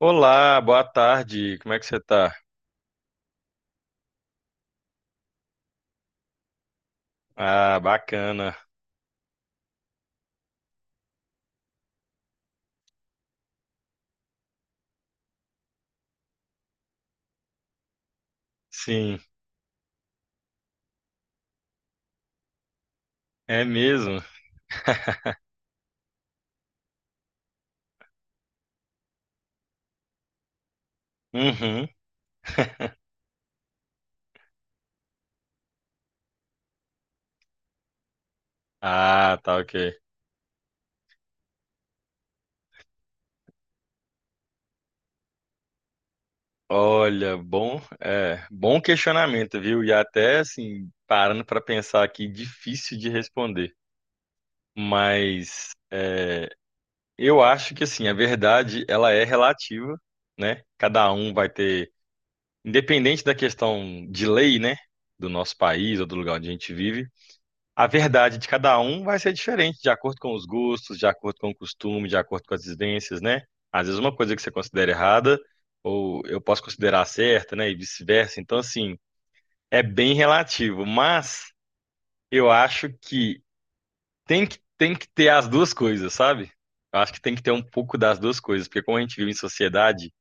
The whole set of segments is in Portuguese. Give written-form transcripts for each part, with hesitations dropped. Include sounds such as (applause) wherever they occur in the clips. Olá, boa tarde. Como é que você tá? Ah, bacana. Sim, é mesmo. Uhum. (laughs) Ah, tá ok. Olha, bom, bom questionamento, viu? E até assim, parando para pensar aqui, difícil de responder. Mas é, eu acho que assim, a verdade ela é relativa, né? Cada um vai ter, independente da questão de lei, né? Do nosso país ou do lugar onde a gente vive. A verdade de cada um vai ser diferente, de acordo com os gostos, de acordo com o costume, de acordo com as vivências, né? Às vezes uma coisa que você considera errada, ou eu posso considerar certa, né? E vice-versa. Então, assim, é bem relativo, mas eu acho que tem que ter as duas coisas, sabe? Eu acho que tem que ter um pouco das duas coisas, porque como a gente vive em sociedade,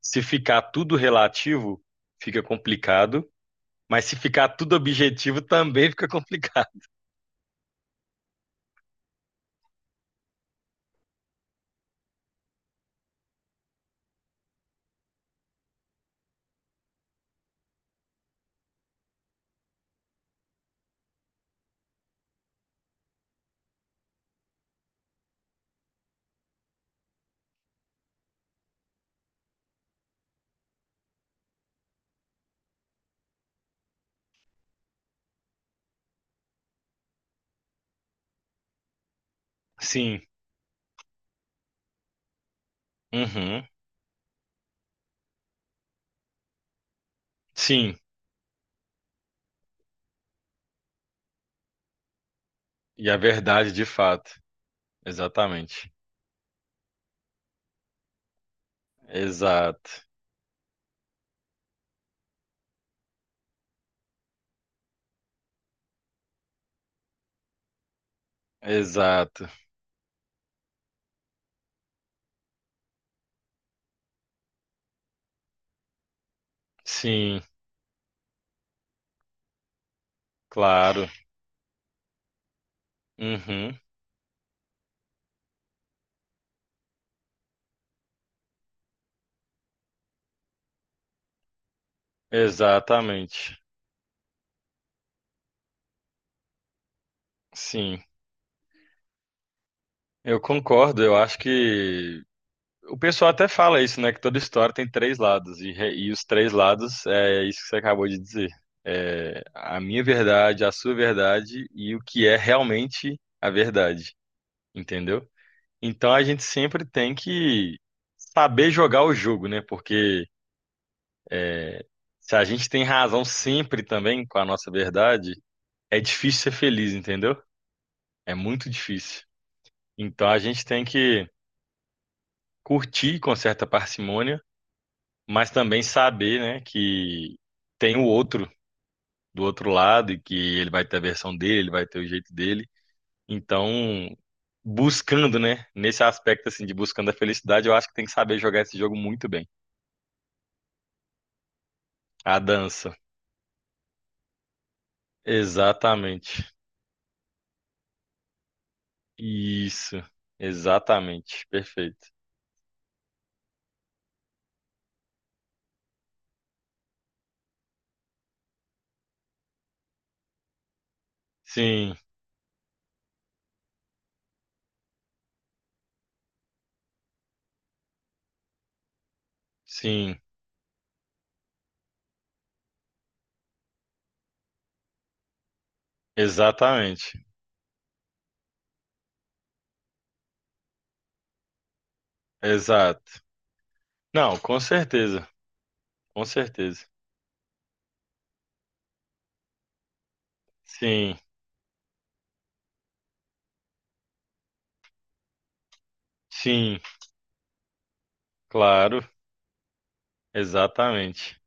se ficar tudo relativo, fica complicado, mas se ficar tudo objetivo, também fica complicado. Sim, uhum, sim. E a verdade de fato. Exatamente. Exato. Exato. Sim, claro. Uhum. Exatamente. Sim. Eu concordo. Eu acho que o pessoal até fala isso, né? Que toda história tem três lados. E os três lados é isso que você acabou de dizer. É a minha verdade, a sua verdade e o que é realmente a verdade. Entendeu? Então a gente sempre tem que saber jogar o jogo, né? Porque se a gente tem razão sempre também com a nossa verdade, é difícil ser feliz, entendeu? É muito difícil. Então a gente tem que curtir com certa parcimônia, mas também saber, né, que tem o outro do outro lado e que ele vai ter a versão dele, ele vai ter o jeito dele. Então, buscando, né, nesse aspecto assim de buscando a felicidade, eu acho que tem que saber jogar esse jogo muito bem. A dança. Exatamente. Isso. Exatamente. Perfeito. Sim, sim, exatamente. Exato. Não, com certeza, com certeza. Sim, sim, claro, exatamente.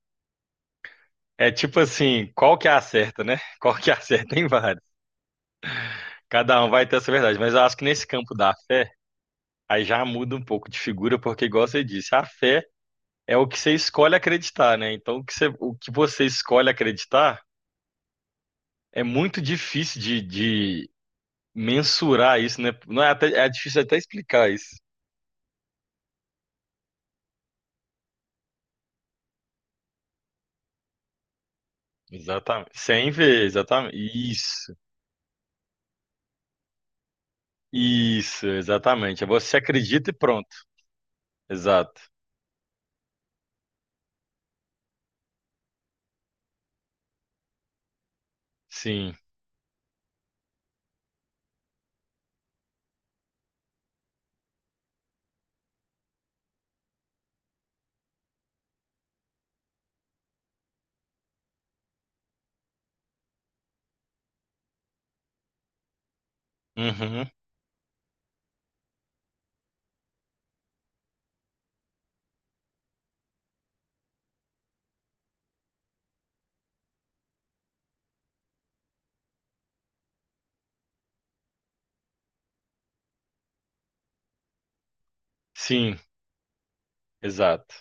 É tipo assim, qual que é a certa, né? (laughs) Qual que é a certa tem várias. Cada um vai ter essa verdade, mas eu acho que nesse campo da fé, aí já muda um pouco de figura, porque igual você disse, a fé é o que você escolhe acreditar, né? Então o que você escolhe acreditar é muito difícil de mensurar isso, né? Não é até, é difícil até explicar isso. Exatamente. Sem ver, exatamente. Isso. Isso, exatamente. É. Você acredita e pronto. Exato. Sim. Uhum. Sim, exato.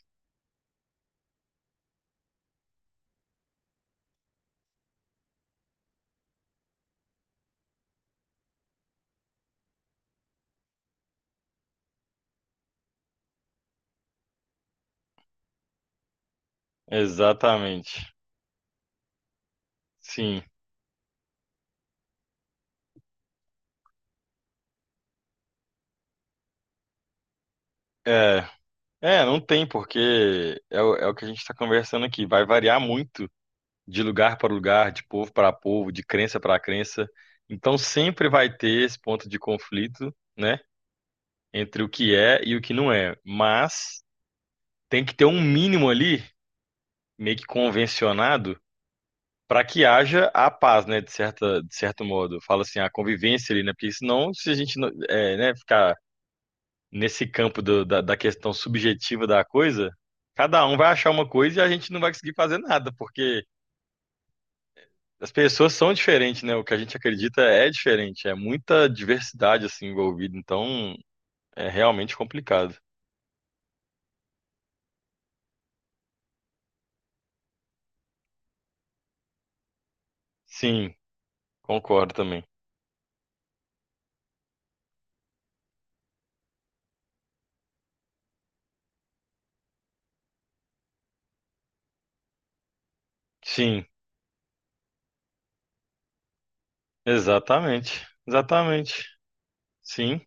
Exatamente. Sim. É. É, não tem, porque é é o que a gente está conversando aqui. Vai variar muito de lugar para lugar, de povo para povo, de crença para crença. Então sempre vai ter esse ponto de conflito, né? Entre o que é e o que não é. Mas tem que ter um mínimo ali, meio que convencionado, para que haja a paz, né, de certo modo. Fala assim, a convivência ali, né? Porque senão, se a gente não- é, né, ficar nesse campo do- da questão subjetiva da coisa, cada um vai achar uma coisa e a gente não vai conseguir fazer nada, porque as pessoas são diferentes, né? O que a gente acredita é diferente, é muita diversidade assim envolvida, então é realmente complicado. Sim, concordo também. Sim, exatamente. Exatamente. Sim,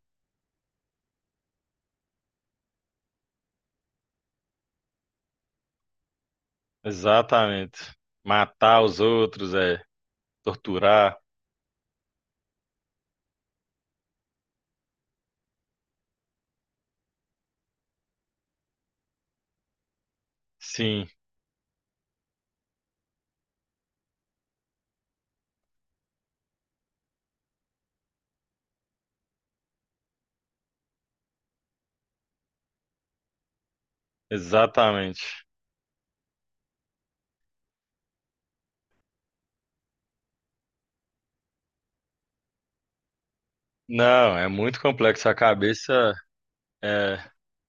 exatamente. Matar os outros, é. Torturar. Sim, exatamente. Não, é muito complexo. A cabeça é,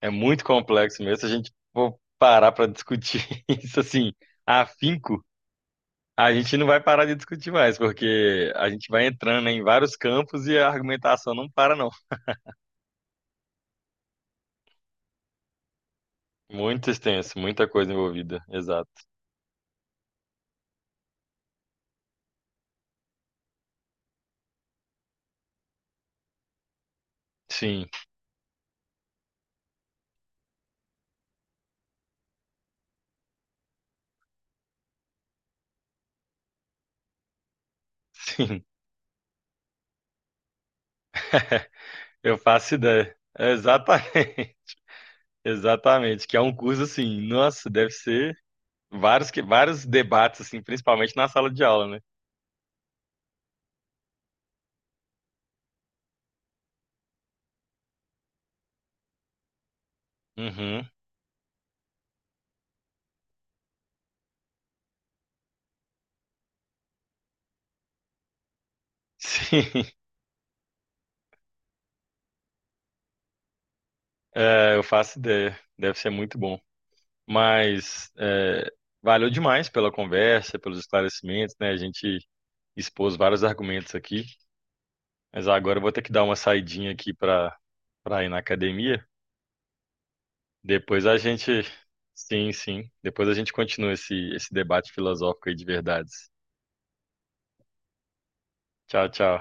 é muito complexo mesmo. Se a gente for parar para discutir (laughs) isso assim, afinco, a gente não vai parar de discutir mais, porque a gente vai entrando em vários campos e a argumentação não para, não. Muito extenso, muita coisa envolvida. Exato. Sim, sim. (laughs) Eu faço ideia. Exatamente. (laughs) Exatamente. Que é um curso assim, nossa, deve ser vários, vários debates, assim, principalmente na sala de aula, né? Uhum. (laughs) Sim, é, eu faço ideia. Deve ser muito bom. Mas é, valeu demais pela conversa, pelos esclarecimentos, né? A gente expôs vários argumentos aqui. Mas agora eu vou ter que dar uma saidinha aqui para ir na academia. Depois a gente. Sim, sim. Depois a gente continua esse debate filosófico aí de verdades. Tchau, tchau.